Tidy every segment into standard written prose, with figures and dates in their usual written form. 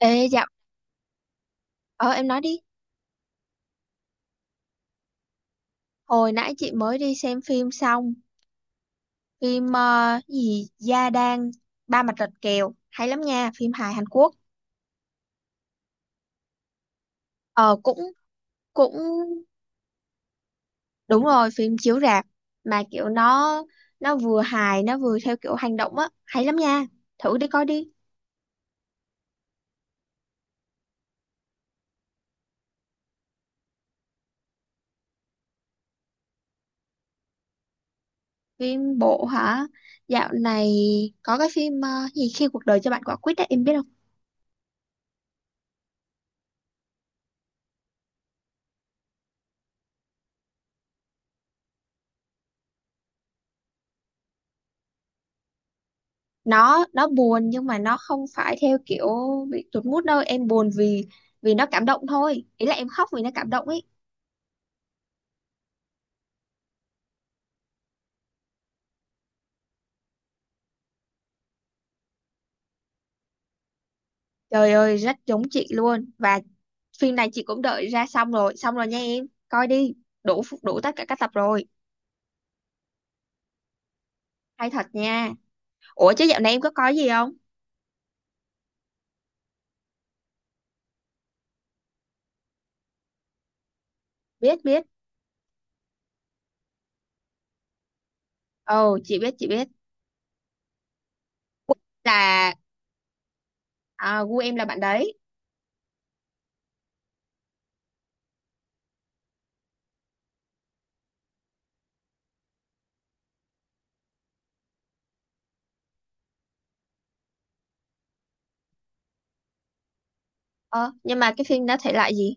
Ê, dạ, ờ em nói đi. Hồi nãy chị mới đi xem phim xong, phim ờ, gì Gia Đang Ba Mặt Rạch Kèo, hay lắm nha, phim hài Hàn Quốc. Ờ cũng cũng đúng rồi, phim chiếu rạp mà kiểu nó vừa hài nó vừa theo kiểu hành động á, hay lắm nha. Thử đi coi đi. Phim bộ hả? Dạo này có cái phim ờ, gì khi cuộc đời cho bạn quả quýt á, em biết nó buồn nhưng mà nó không phải theo kiểu bị tụt mood đâu, em buồn vì vì nó cảm động thôi, ý là em khóc vì nó cảm động ấy. Trời ơi rất giống chị luôn. Và phim này chị cũng đợi ra xong rồi, xong rồi nha, em coi đi, đủ đủ tất cả các tập rồi. Hay thật nha. Ủa chứ dạo này em có coi gì không? Biết biết. Ồ chị biết chị biết. Là à, gu em là bạn đấy. Ờ nhưng mà cái phim đó thể loại gì?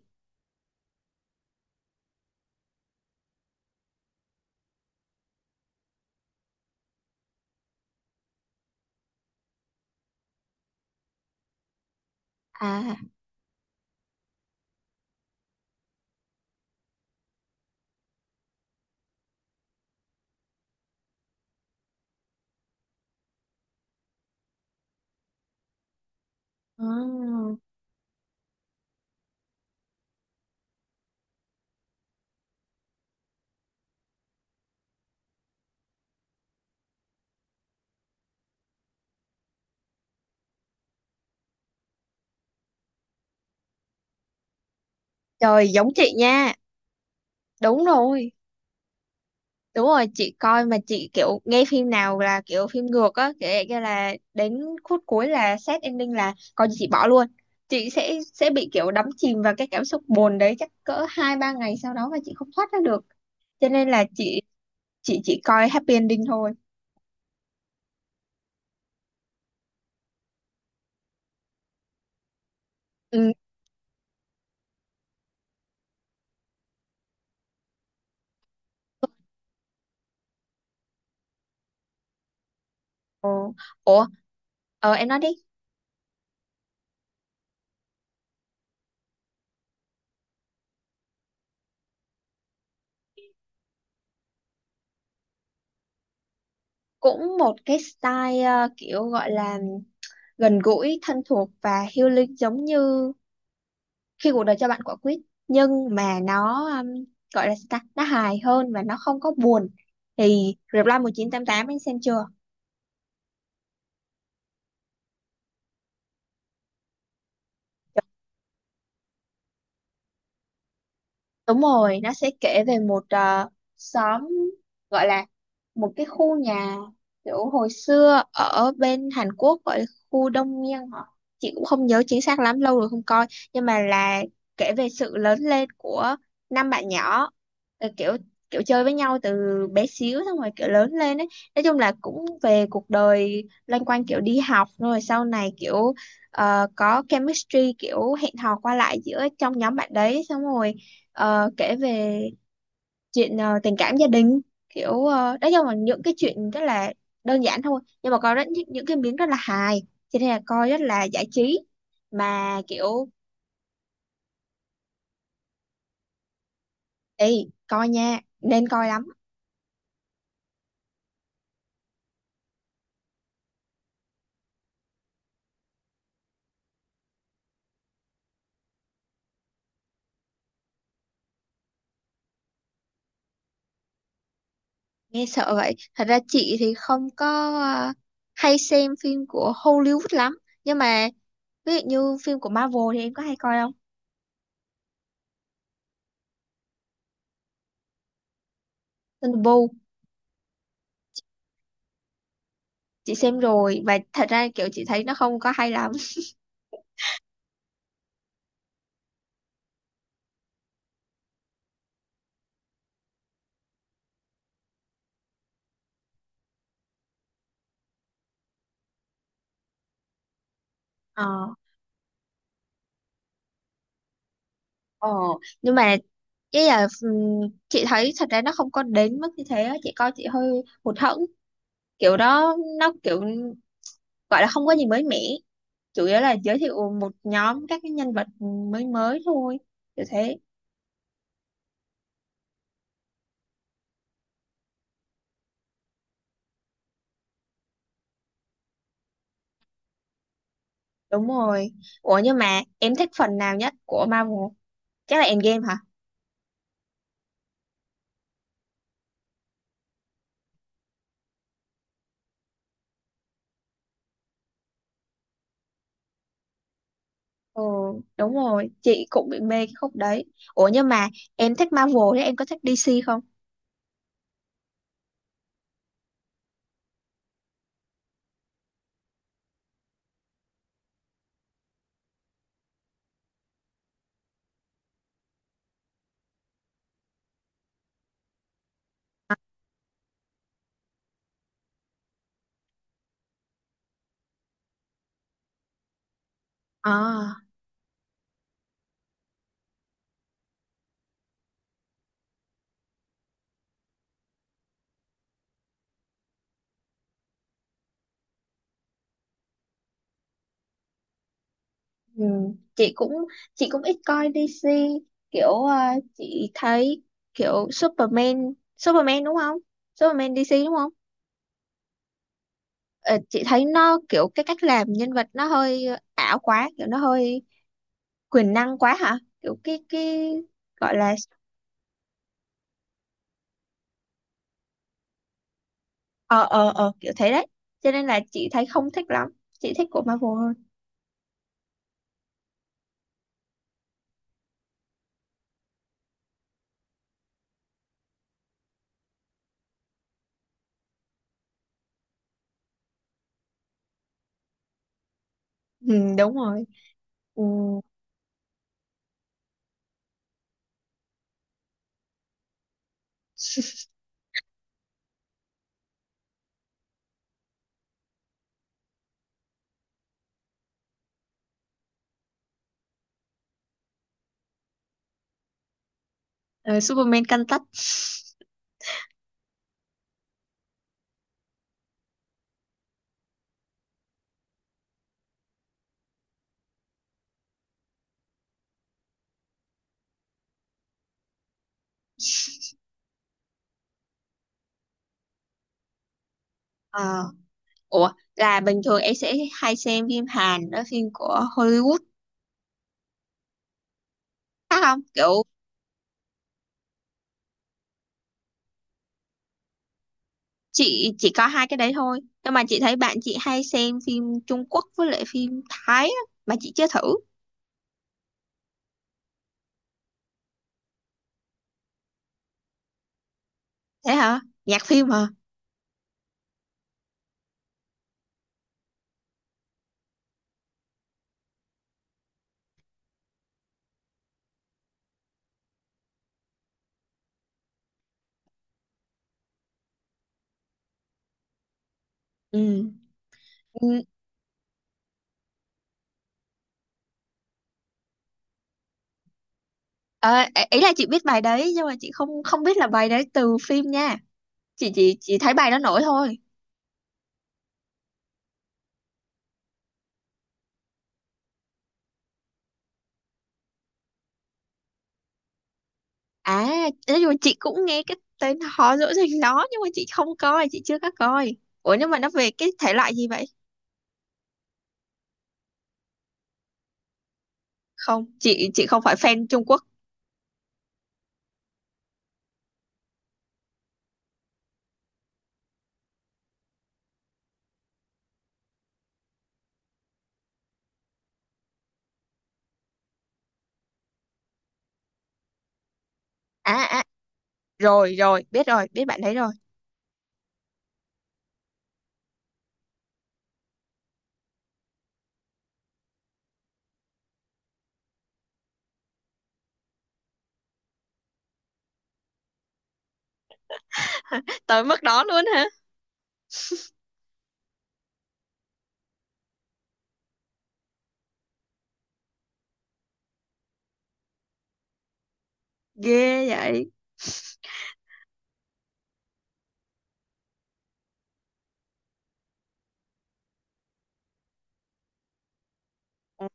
À. Ừ. Trời giống chị nha. Đúng rồi, đúng rồi, chị coi mà chị kiểu nghe phim nào là kiểu phim ngược á kiểu vậy kia là đến khúc cuối là sad ending là coi như chị bỏ luôn. Chị sẽ bị kiểu đắm chìm vào cái cảm xúc buồn đấy chắc cỡ hai ba ngày sau đó mà chị không thoát ra được, cho nên là chị chỉ coi happy ending thôi. Ừ. Ờ, ủa, em nói đi. Cũng một cái style kiểu gọi là gần gũi thân thuộc và healing giống như khi cuộc đời cho bạn quả quýt, nhưng mà nó gọi là sao ta, nó hài hơn và nó không có buồn. Thì Reply 1988 anh xem chưa? Đúng rồi, nó sẽ kể về một xóm, gọi là một cái khu nhà kiểu hồi xưa ở bên Hàn Quốc, gọi là khu Đông Miên hả? Chị cũng không nhớ chính xác lắm, lâu rồi không coi, nhưng mà là kể về sự lớn lên của năm bạn nhỏ, ờ, kiểu kiểu chơi với nhau từ bé xíu xong rồi kiểu lớn lên ấy. Nói chung là cũng về cuộc đời loanh quanh kiểu đi học rồi sau này kiểu có chemistry kiểu hẹn hò qua lại giữa trong nhóm bạn đấy, xong rồi kể về chuyện tình cảm gia đình kiểu nói chung là những cái chuyện rất là đơn giản thôi, nhưng mà có rất những cái miếng rất là hài, cho nên là coi rất là giải trí mà kiểu. Ê coi nha, nên coi lắm. Nghe sợ vậy. Thật ra chị thì không có ờ, hay xem phim của Hollywood lắm, nhưng mà ví dụ như phim của Marvel thì em có hay coi không? Thunderbolt chị xem rồi, và thật ra kiểu chị thấy nó không có hay lắm. Ờ, ồ nhưng mà cái là chị thấy thật ra nó không có đến mức như thế á. Chị coi chị hơi hụt hẫng, kiểu đó nó kiểu gọi là không có gì mới mẻ, chủ yếu là giới thiệu một nhóm các cái nhân vật mới mới thôi, kiểu thế. Đúng rồi. Ủa nhưng mà em thích phần nào nhất của Marvel, chắc là Endgame hả? Ừ đúng rồi, chị cũng bị mê cái khúc đấy. Ủa nhưng mà em thích Marvel thì em có thích DC không? À. Ừ. Chị cũng, chị cũng ít coi DC, kiểu chị thấy kiểu Superman Superman đúng không? Superman DC đúng không? Ờ, chị thấy nó kiểu cái cách làm nhân vật nó hơi ảo quá, kiểu nó hơi quyền năng quá hả? Kiểu cái gọi là. Ờ ờ ờ kiểu thế đấy, cho nên là chị thấy không thích lắm, chị thích của Marvel hơn. Ừ, đúng rồi. Ừ. Ờ, Superman căn tấc. Ủa là bình thường em sẽ hay xem phim Hàn đó, phim của Hollywood khác không kiểu? Chị chỉ có hai cái đấy thôi, nhưng mà chị thấy bạn chị hay xem phim Trung Quốc với lại phim Thái á, mà chị chưa thử. Thế hả? Nhạc phim hả? Ừ. Ừ, ờ, ý là chị biết bài đấy nhưng mà chị không không biết là bài đấy từ phim nha, chị chỉ thấy bài đó nổi thôi. À, nói chung là chị cũng nghe cái tên họ dỗ dành nó, nhưng mà chị không coi, chị chưa có coi. Ủa nhưng mà nó về cái thể loại gì vậy? Không, chị, chị không phải fan Trung Quốc. À à rồi rồi, biết rồi, biết bạn đấy rồi. Tới mức đó luôn hả? Ghê vậy. Ừ.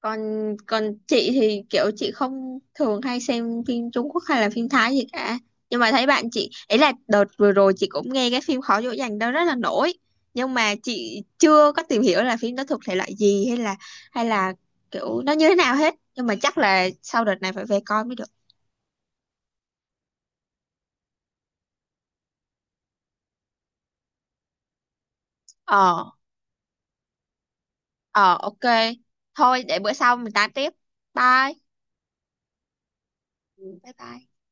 Còn, còn chị thì kiểu chị không thường hay xem phim Trung Quốc hay là phim Thái gì cả, nhưng mà thấy bạn chị ấy là đợt vừa rồi chị cũng nghe cái phim Khó dỗ dành đó rất là nổi, nhưng mà chị chưa có tìm hiểu là phim đó thuộc thể loại gì, hay là kiểu nó như thế nào hết, nhưng mà chắc là sau đợt này phải về coi mới được. Ờ, ờ ok, thôi để bữa sau mình tám tiếp, bye. Ừ. Bye bye.